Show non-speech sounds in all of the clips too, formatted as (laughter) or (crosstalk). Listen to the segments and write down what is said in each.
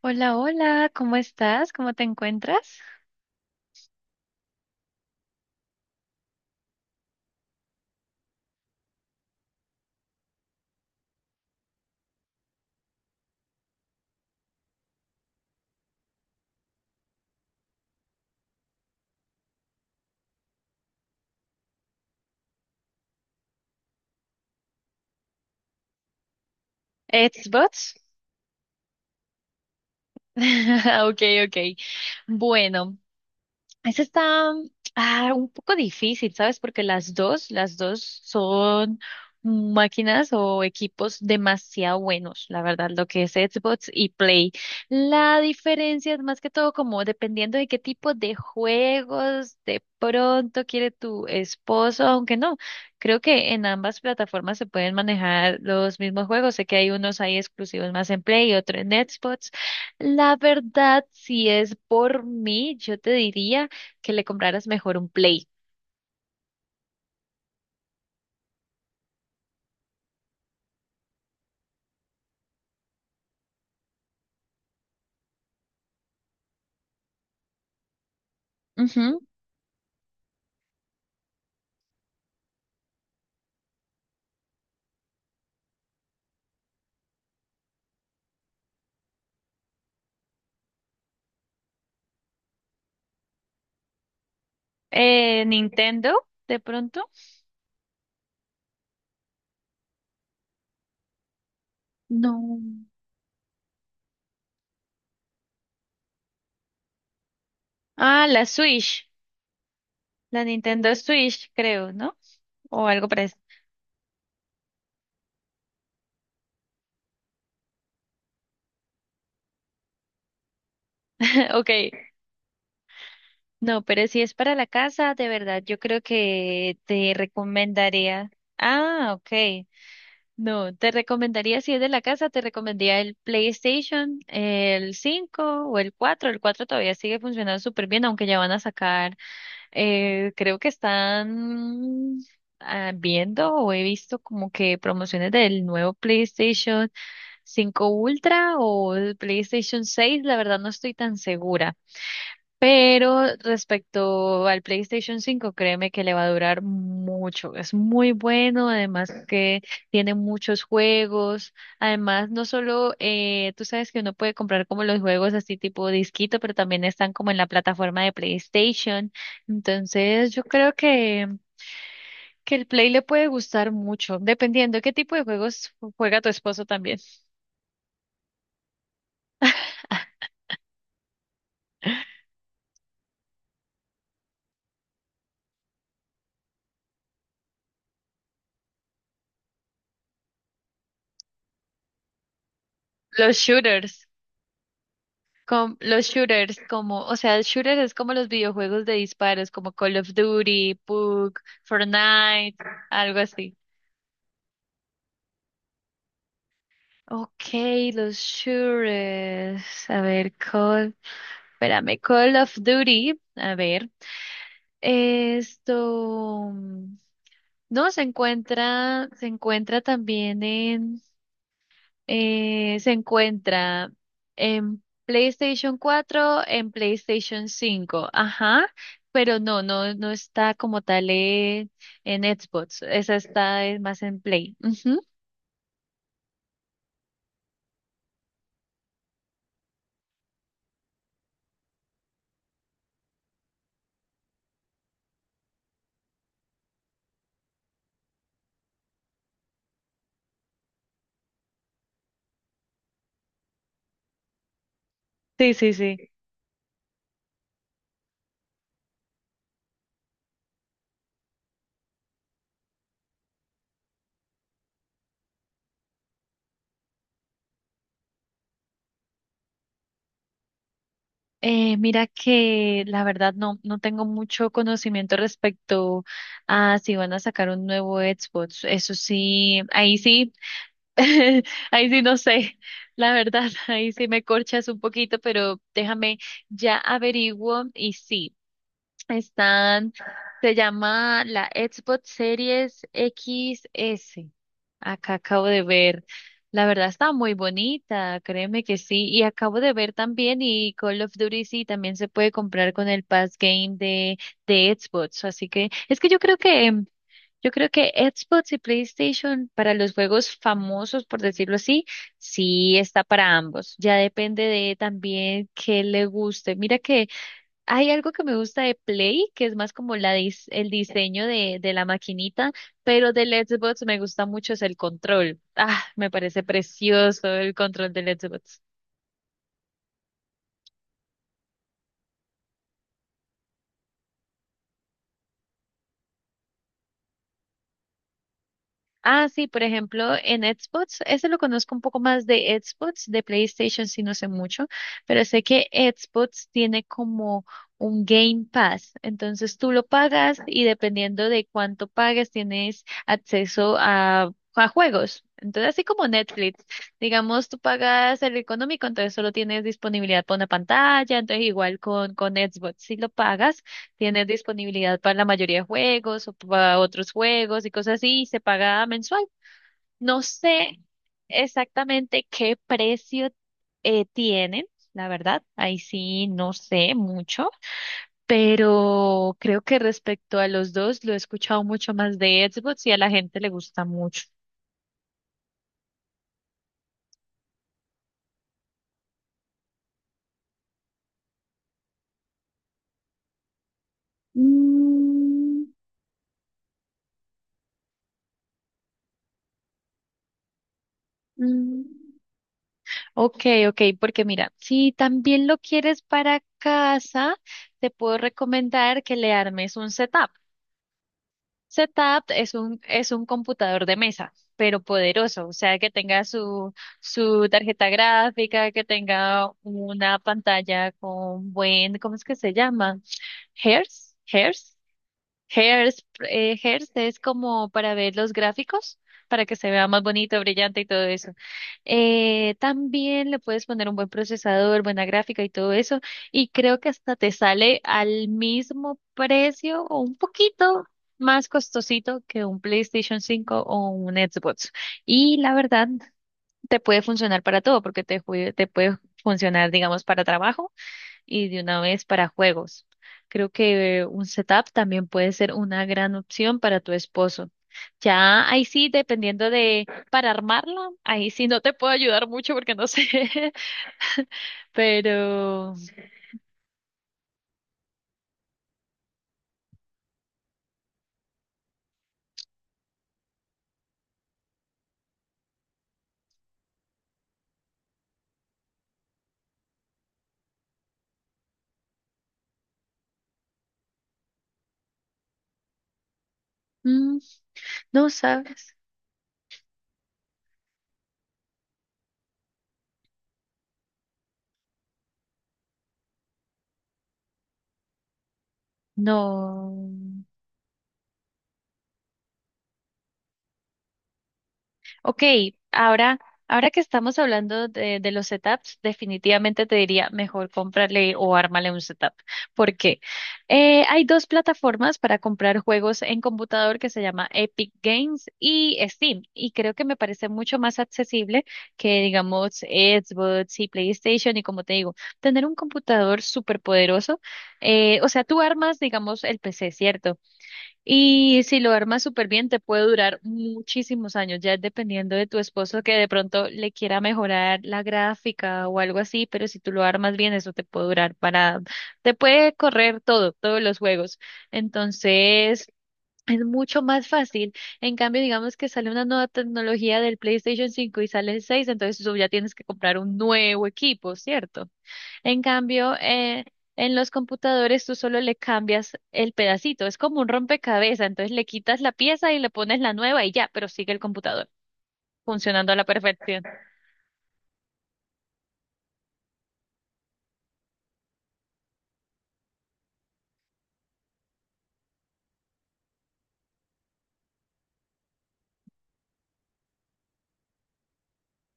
Hola, hola, ¿cómo estás? ¿Cómo te encuentras? Xbox. (laughs) Ok, ok. Bueno, esa está un poco difícil, ¿sabes? Porque las dos son máquinas o equipos demasiado buenos, la verdad, lo que es Xbox y Play. La diferencia es más que todo como dependiendo de qué tipo de juegos de pronto quiere tu esposo, aunque no, creo que en ambas plataformas se pueden manejar los mismos juegos. Sé que hay unos ahí exclusivos más en Play y otro en Xbox. La verdad, si es por mí, yo te diría que le compraras mejor un Play. Ujú. Nintendo, de pronto. No. Ah, la Switch, la Nintendo Switch, creo, ¿no? O algo parecido. (laughs) Ok, no, pero si es para la casa, de verdad, yo creo que te recomendaría. Ah, ok. No, te recomendaría, si es de la casa, te recomendaría el PlayStation, el 5 o el cuatro. El 4 todavía sigue funcionando súper bien, aunque ya van a sacar. Creo que están viendo o he visto como que promociones del nuevo PlayStation 5 Ultra o el PlayStation 6, la verdad no estoy tan segura. Pero respecto al PlayStation 5, créeme que le va a durar mucho. Es muy bueno, además que tiene muchos juegos. Además, no solo, tú sabes que uno puede comprar como los juegos así tipo disquito, pero también están como en la plataforma de PlayStation. Entonces, yo creo que el Play le puede gustar mucho, dependiendo qué tipo de juegos juega tu esposo también. (laughs) Los shooters. Con los shooters, como, o sea, el shooter es como los videojuegos de disparos, como Call of Duty, PUBG, Fortnite, algo así. Ok, los shooters. A ver, Call, espérame, Call of Duty. A ver, esto, no, se encuentra también en. Se encuentra en PlayStation cuatro, en PlayStation cinco, ajá, pero no está como tal en Xbox, esa está más en Play. Ujú. Sí, sí, sí. Mira que la verdad no, no tengo mucho conocimiento respecto a si van a sacar un nuevo Xbox. Eso sí, ahí sí. (laughs) Ahí sí no sé, la verdad, (laughs) ahí sí me corchas un poquito, pero déjame ya averiguo y sí, están, se llama la Xbox Series X S. Acá acabo de ver, la verdad está muy bonita, créeme que sí, y acabo de ver también y Call of Duty sí también se puede comprar con el Pass Game de Xbox, así que es que yo creo que yo creo que Xbox y PlayStation para los juegos famosos, por decirlo así, sí está para ambos. Ya depende de también qué le guste. Mira que hay algo que me gusta de Play, que es más como la dis- el diseño de la maquinita, pero del Xbox me gusta mucho es el control. Ah, me parece precioso el control del Xbox. Ah, sí, por ejemplo, en Xbox, ese lo conozco un poco más de Xbox, de PlayStation sí no sé mucho, pero sé que Xbox tiene como un Game Pass, entonces tú lo pagas y dependiendo de cuánto pagues tienes acceso a juegos. Entonces, así como Netflix, digamos, tú pagas el económico, entonces solo tienes disponibilidad para una pantalla, entonces igual con Xbox, si lo pagas, tienes disponibilidad para la mayoría de juegos o para otros juegos y cosas así, y se paga mensual. No sé exactamente qué precio tienen, la verdad, ahí sí no sé mucho, pero creo que respecto a los dos lo he escuchado mucho más de Xbox y a la gente le gusta mucho. Mm, mm. Ok, ok, porque mira, si también lo quieres para casa, te puedo recomendar que le armes un setup. Setup es un computador de mesa, pero poderoso, o sea, que tenga su, su tarjeta gráfica, que tenga una pantalla con buen, ¿cómo es que se llama? Hertz, Hertz, Hairs, Hairs es como para ver los gráficos, para que se vea más bonito, brillante y todo eso. También le puedes poner un buen procesador, buena gráfica y todo eso. Y creo que hasta te sale al mismo precio o un poquito más costosito que un PlayStation 5 o un Xbox. Y la verdad, te puede funcionar para todo, porque te, jue- te puede funcionar, digamos, para trabajo y de una vez para juegos. Creo que un setup también puede ser una gran opción para tu esposo. Ya ahí sí, dependiendo de para armarla, ahí sí no te puedo ayudar mucho porque no sé, (laughs) pero mm, no sabes, no. Ok, ahora, ahora que estamos hablando de los setups, definitivamente te diría mejor cómprale o ármale un setup. ¿Por qué? Hay dos plataformas para comprar juegos en computador que se llama Epic Games y Steam. Y creo que me parece mucho más accesible que, digamos, Xbox y PlayStation. Y como te digo, tener un computador súper poderoso. O sea, tú armas, digamos, el PC, ¿cierto? Y si lo armas súper bien, te puede durar muchísimos años, ya es dependiendo de tu esposo que de pronto le quiera mejorar la gráfica o algo así, pero si tú lo armas bien, eso te puede durar para, te puede correr todo, todos los juegos. Entonces, es mucho más fácil. En cambio, digamos que sale una nueva tecnología del PlayStation 5 y sale el 6, entonces tú ya tienes que comprar un nuevo equipo, ¿cierto? En cambio, en los computadores tú solo le cambias el pedacito, es como un rompecabezas, entonces le quitas la pieza y le pones la nueva y ya, pero sigue el computador funcionando a la perfección.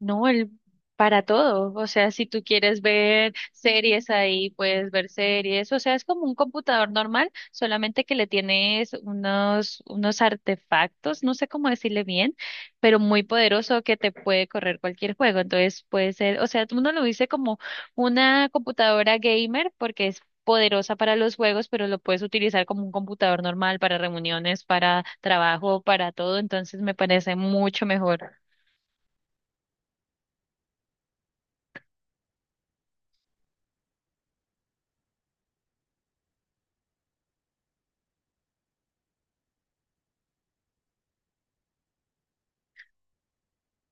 No, el para todo. O sea, si tú quieres ver series ahí, puedes ver series. O sea, es como un computador normal, solamente que le tienes unos, unos artefactos, no sé cómo decirle bien, pero muy poderoso que te puede correr cualquier juego. Entonces puede ser, o sea, uno lo dice como una computadora gamer porque es poderosa para los juegos, pero lo puedes utilizar como un computador normal para reuniones, para trabajo, para todo. Entonces me parece mucho mejor.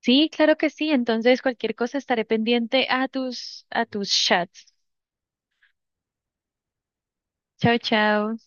Sí, claro que sí. Entonces, cualquier cosa estaré pendiente a tus chats. Chao, chao.